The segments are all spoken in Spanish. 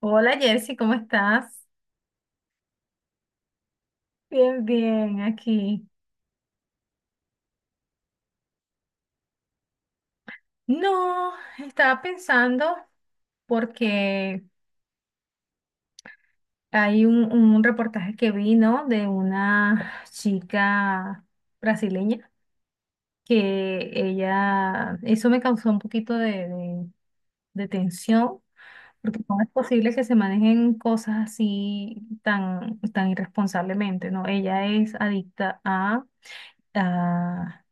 Hola Jersey, ¿cómo estás? Bien, bien, aquí. No, estaba pensando porque hay un reportaje que vi, ¿no?, de una chica brasileña que ella, eso me causó un poquito de tensión, porque no es posible que se manejen cosas así tan, tan irresponsablemente, ¿no? Ella es adicta a,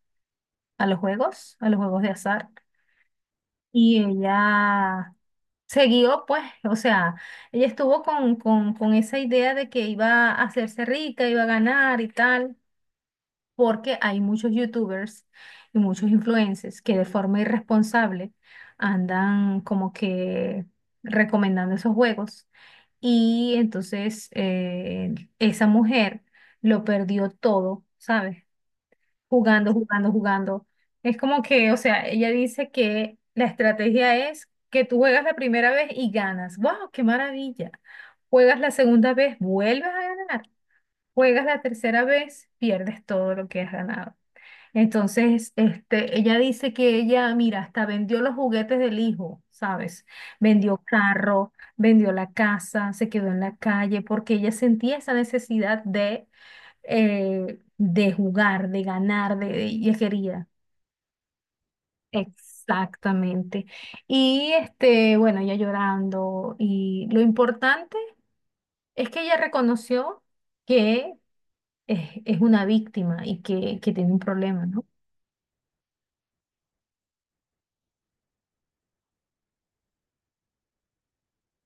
a los juegos, a los juegos de azar. Y ella siguió, pues, o sea, ella estuvo con esa idea de que iba a hacerse rica, iba a ganar y tal, porque hay muchos youtubers y muchos influencers que de forma irresponsable andan como que recomendando esos juegos. Y entonces esa mujer lo perdió todo, ¿sabes? Jugando, jugando, jugando. Es como que, o sea, ella dice que la estrategia es que tú juegas la primera vez y ganas. ¡Wow! ¡Qué maravilla! Juegas la segunda vez, vuelves a ganar. Juegas la tercera vez, pierdes todo lo que has ganado. Entonces, este, ella dice que ella, mira, hasta vendió los juguetes del hijo, ¿sabes? Vendió carro, vendió la casa, se quedó en la calle porque ella sentía esa necesidad de jugar, de ganar, y es querida. Exactamente. Y este, bueno, ella llorando. Y lo importante es que ella reconoció que es una víctima y que tiene un problema, ¿no?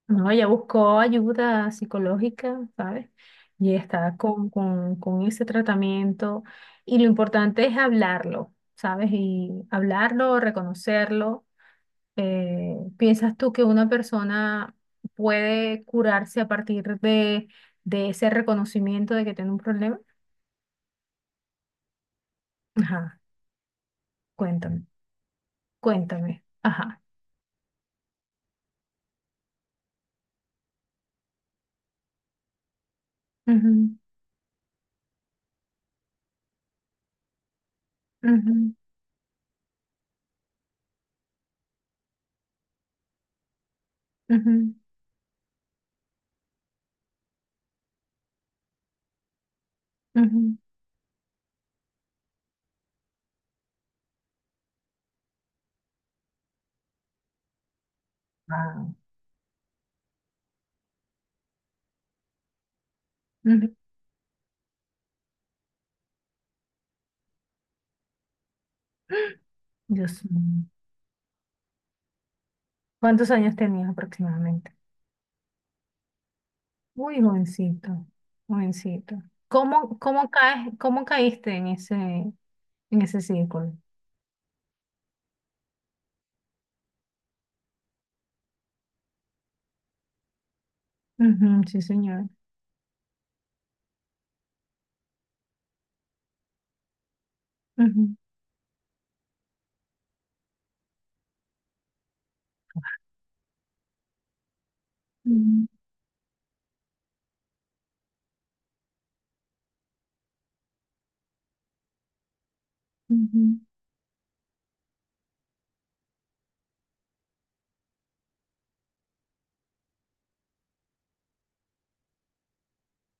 No, ella buscó ayuda psicológica, ¿sabes? Y está con ese tratamiento. Y lo importante es hablarlo, ¿sabes? Y hablarlo, reconocerlo. ¿Piensas tú que una persona puede curarse a partir de ese reconocimiento de que tiene un problema? Ajá, cuéntame, cuéntame. Ajá. Ujú, ujú, ujú, ujú. Wow. Ujú. Dios mío. ¿Cuántos años tenías aproximadamente? Muy jovencito, jovencito. ¿Cómo, cómo caes, cómo caíste en ese círculo? Ujú, sí, señor.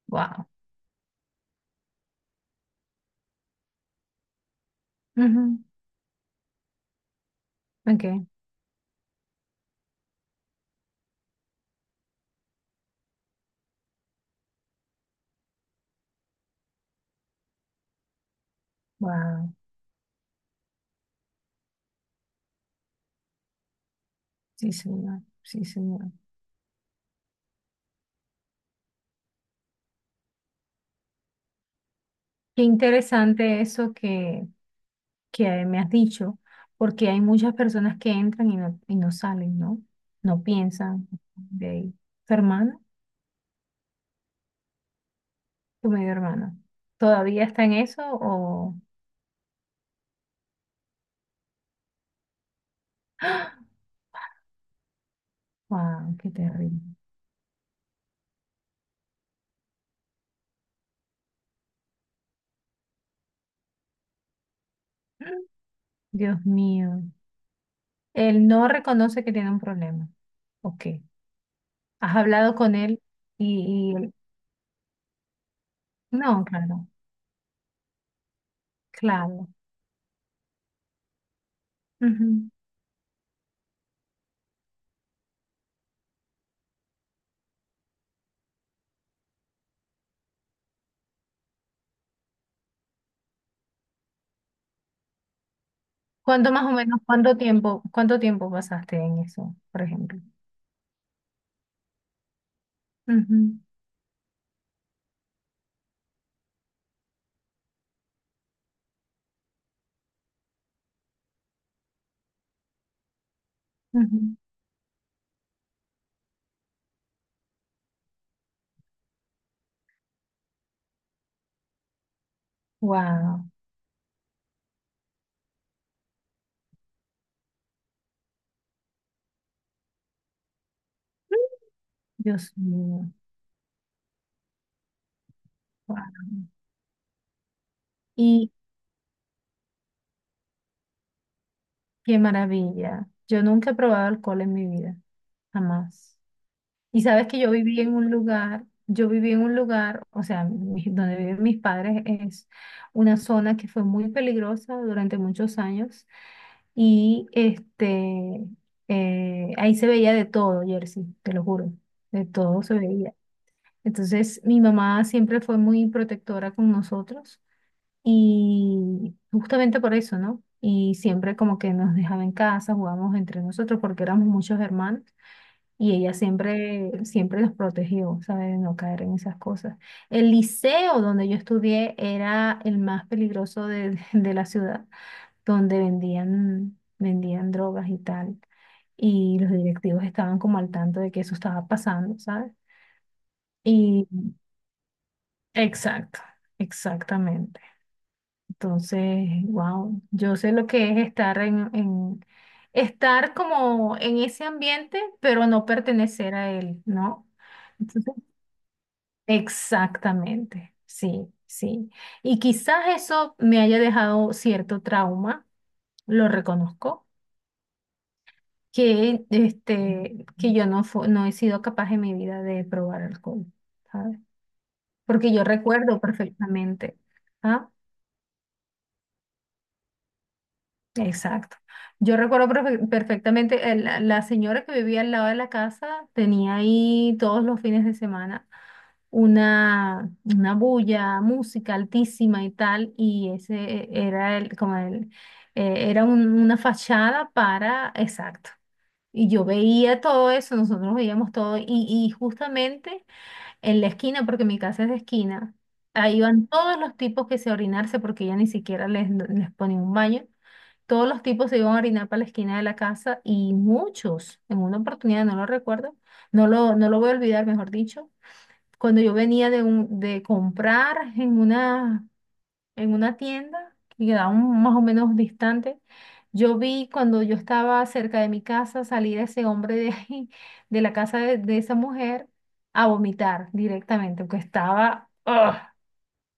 Wow. Ujú, ok, wow, sí señor, sí señor. Qué interesante eso que me has dicho, porque hay muchas personas que entran y no salen, ¿no? No piensan de ahí. ¿Tu hermana? ¿Tu medio hermana? ¿Todavía está en eso o...? Wow, qué terrible. Dios mío. Él no reconoce que tiene un problema. Ok. ¿Has hablado con él y él- No, claro, claro. Ujú. ¿Cuánto más o menos, cuánto tiempo pasaste en eso, por ejemplo? Ujú, ujú. Wow, Dios mío, wow. Y qué maravilla. Yo nunca he probado alcohol en mi vida, jamás. Y sabes que yo viví en un lugar, yo viví en un lugar, o sea, mi- donde viven mis padres es una zona que fue muy peligrosa durante muchos años y este, ahí se veía de todo, Jersey, te lo juro, de todo se veía. Entonces, mi mamá siempre fue muy protectora con nosotros y justamente por eso, ¿no? Y siempre como que nos dejaba en casa, jugábamos entre nosotros porque éramos muchos hermanos y ella siempre, siempre nos protegió, ¿sabes? De no caer en esas cosas. El liceo donde yo estudié era el más peligroso de, de la ciudad, donde vendían, vendían drogas y tal. Y los directivos estaban como al tanto de que eso estaba pasando, ¿sabes? Y exacto, exactamente. Entonces, wow, yo sé lo que es estar en- estar como en ese ambiente, pero no pertenecer a él, ¿no? Entonces, exactamente, sí, sí. Y quizás eso me haya dejado cierto trauma, lo reconozco, que este, que yo no fu- no he sido capaz en mi vida de probar alcohol, ¿sabes? Porque yo recuerdo perfectamente. ¿Ah? Exacto. Yo recuerdo perfe- perfectamente, el- la señora que vivía al lado de la casa tenía ahí todos los fines de semana una bulla, música altísima y tal, y ese era el, como el, era un- una fachada para, exacto. Y yo veía todo eso, nosotros veíamos todo, y justamente en la esquina, porque mi casa es de esquina, ahí iban todos los tipos que se orinarse porque ella ni siquiera les, les ponía un baño. Todos los tipos se iban a orinar para la esquina de la casa y muchos, en una oportunidad, no lo recuerdo, no lo, no lo voy a olvidar, mejor dicho, cuando yo venía de, un, de comprar en una tienda que quedaba un- más o menos distante, yo vi cuando yo estaba cerca de mi casa salir a ese hombre de ahí, de la casa de esa mujer, a vomitar directamente, porque estaba... ¡Ugh!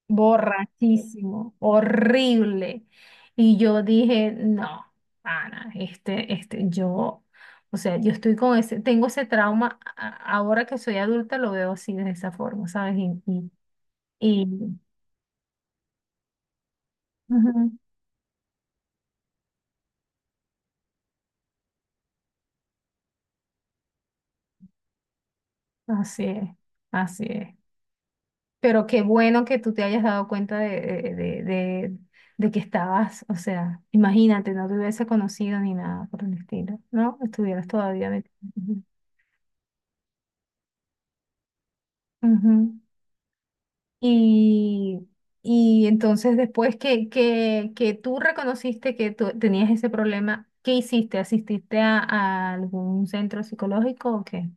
Borrachísimo, horrible. Y yo dije, no, Ana, este, yo, o sea, yo estoy con ese, tengo ese trauma, a- ahora que soy adulta lo veo así, de esa forma, ¿sabes? Y- Ujú. Así es, así es. Pero qué bueno que tú te hayas dado cuenta de que estabas, o sea, imagínate, no te hubiese conocido ni nada por el estilo, ¿no? Estuvieras todavía metido. Ujú. Y, y entonces después que tú reconociste que tú tenías ese problema, ¿qué hiciste? ¿Asististe a algún centro psicológico o qué?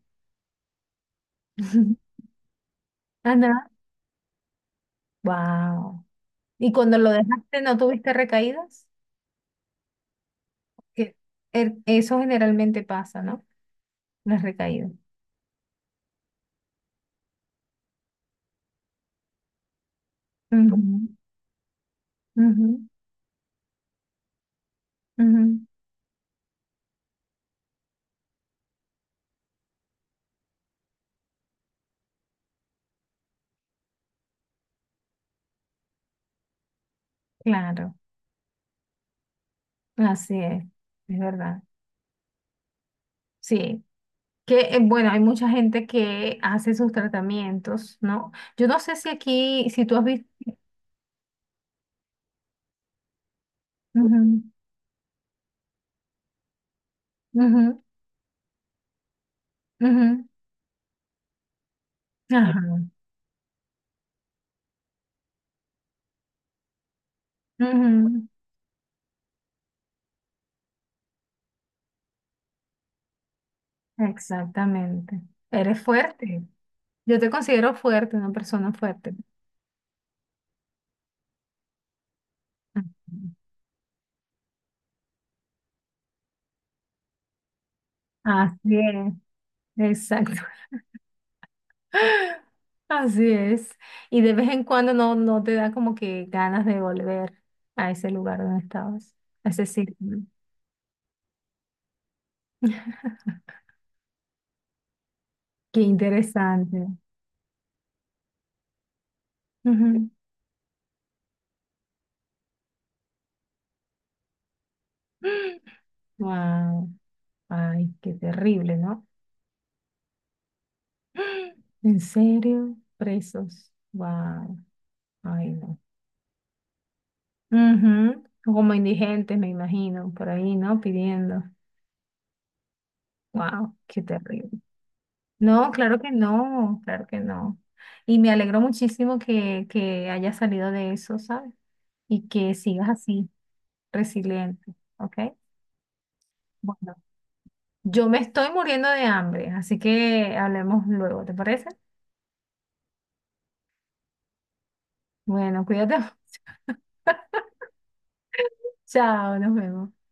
Ah, nada. Wow. ¿Y cuando lo dejaste no tuviste recaídas? Que e- eso generalmente pasa, ¿no? Las recaídas. Ujú, ujú, ujú. Claro, así es verdad. Sí. Que, bueno, hay mucha gente que hace sus tratamientos, ¿no? Yo no sé si aquí, si tú has visto... Ujú, ujú, ujú, ajá, ujú, exactamente. Eres fuerte. Yo te considero fuerte, una persona fuerte. Ujú. Así es, exacto. Así es. Y de vez en cuando no, no te da como que ganas de volver a ese lugar donde estabas, a ese círculo. Qué interesante. Wow. Ay, qué terrible, ¿no? ¿En serio? Presos. Wow. Ay, no. Ujú, como indigentes, me imagino, por ahí, ¿no? Pidiendo. Wow, qué terrible. No, claro que no, claro que no. Y me alegro muchísimo que hayas salido de eso, ¿sabes? Y que sigas así, resiliente, ¿ok? Bueno, yo me estoy muriendo de hambre, así que hablemos luego, ¿te parece? Bueno, cuídate. Chao, nos vemos.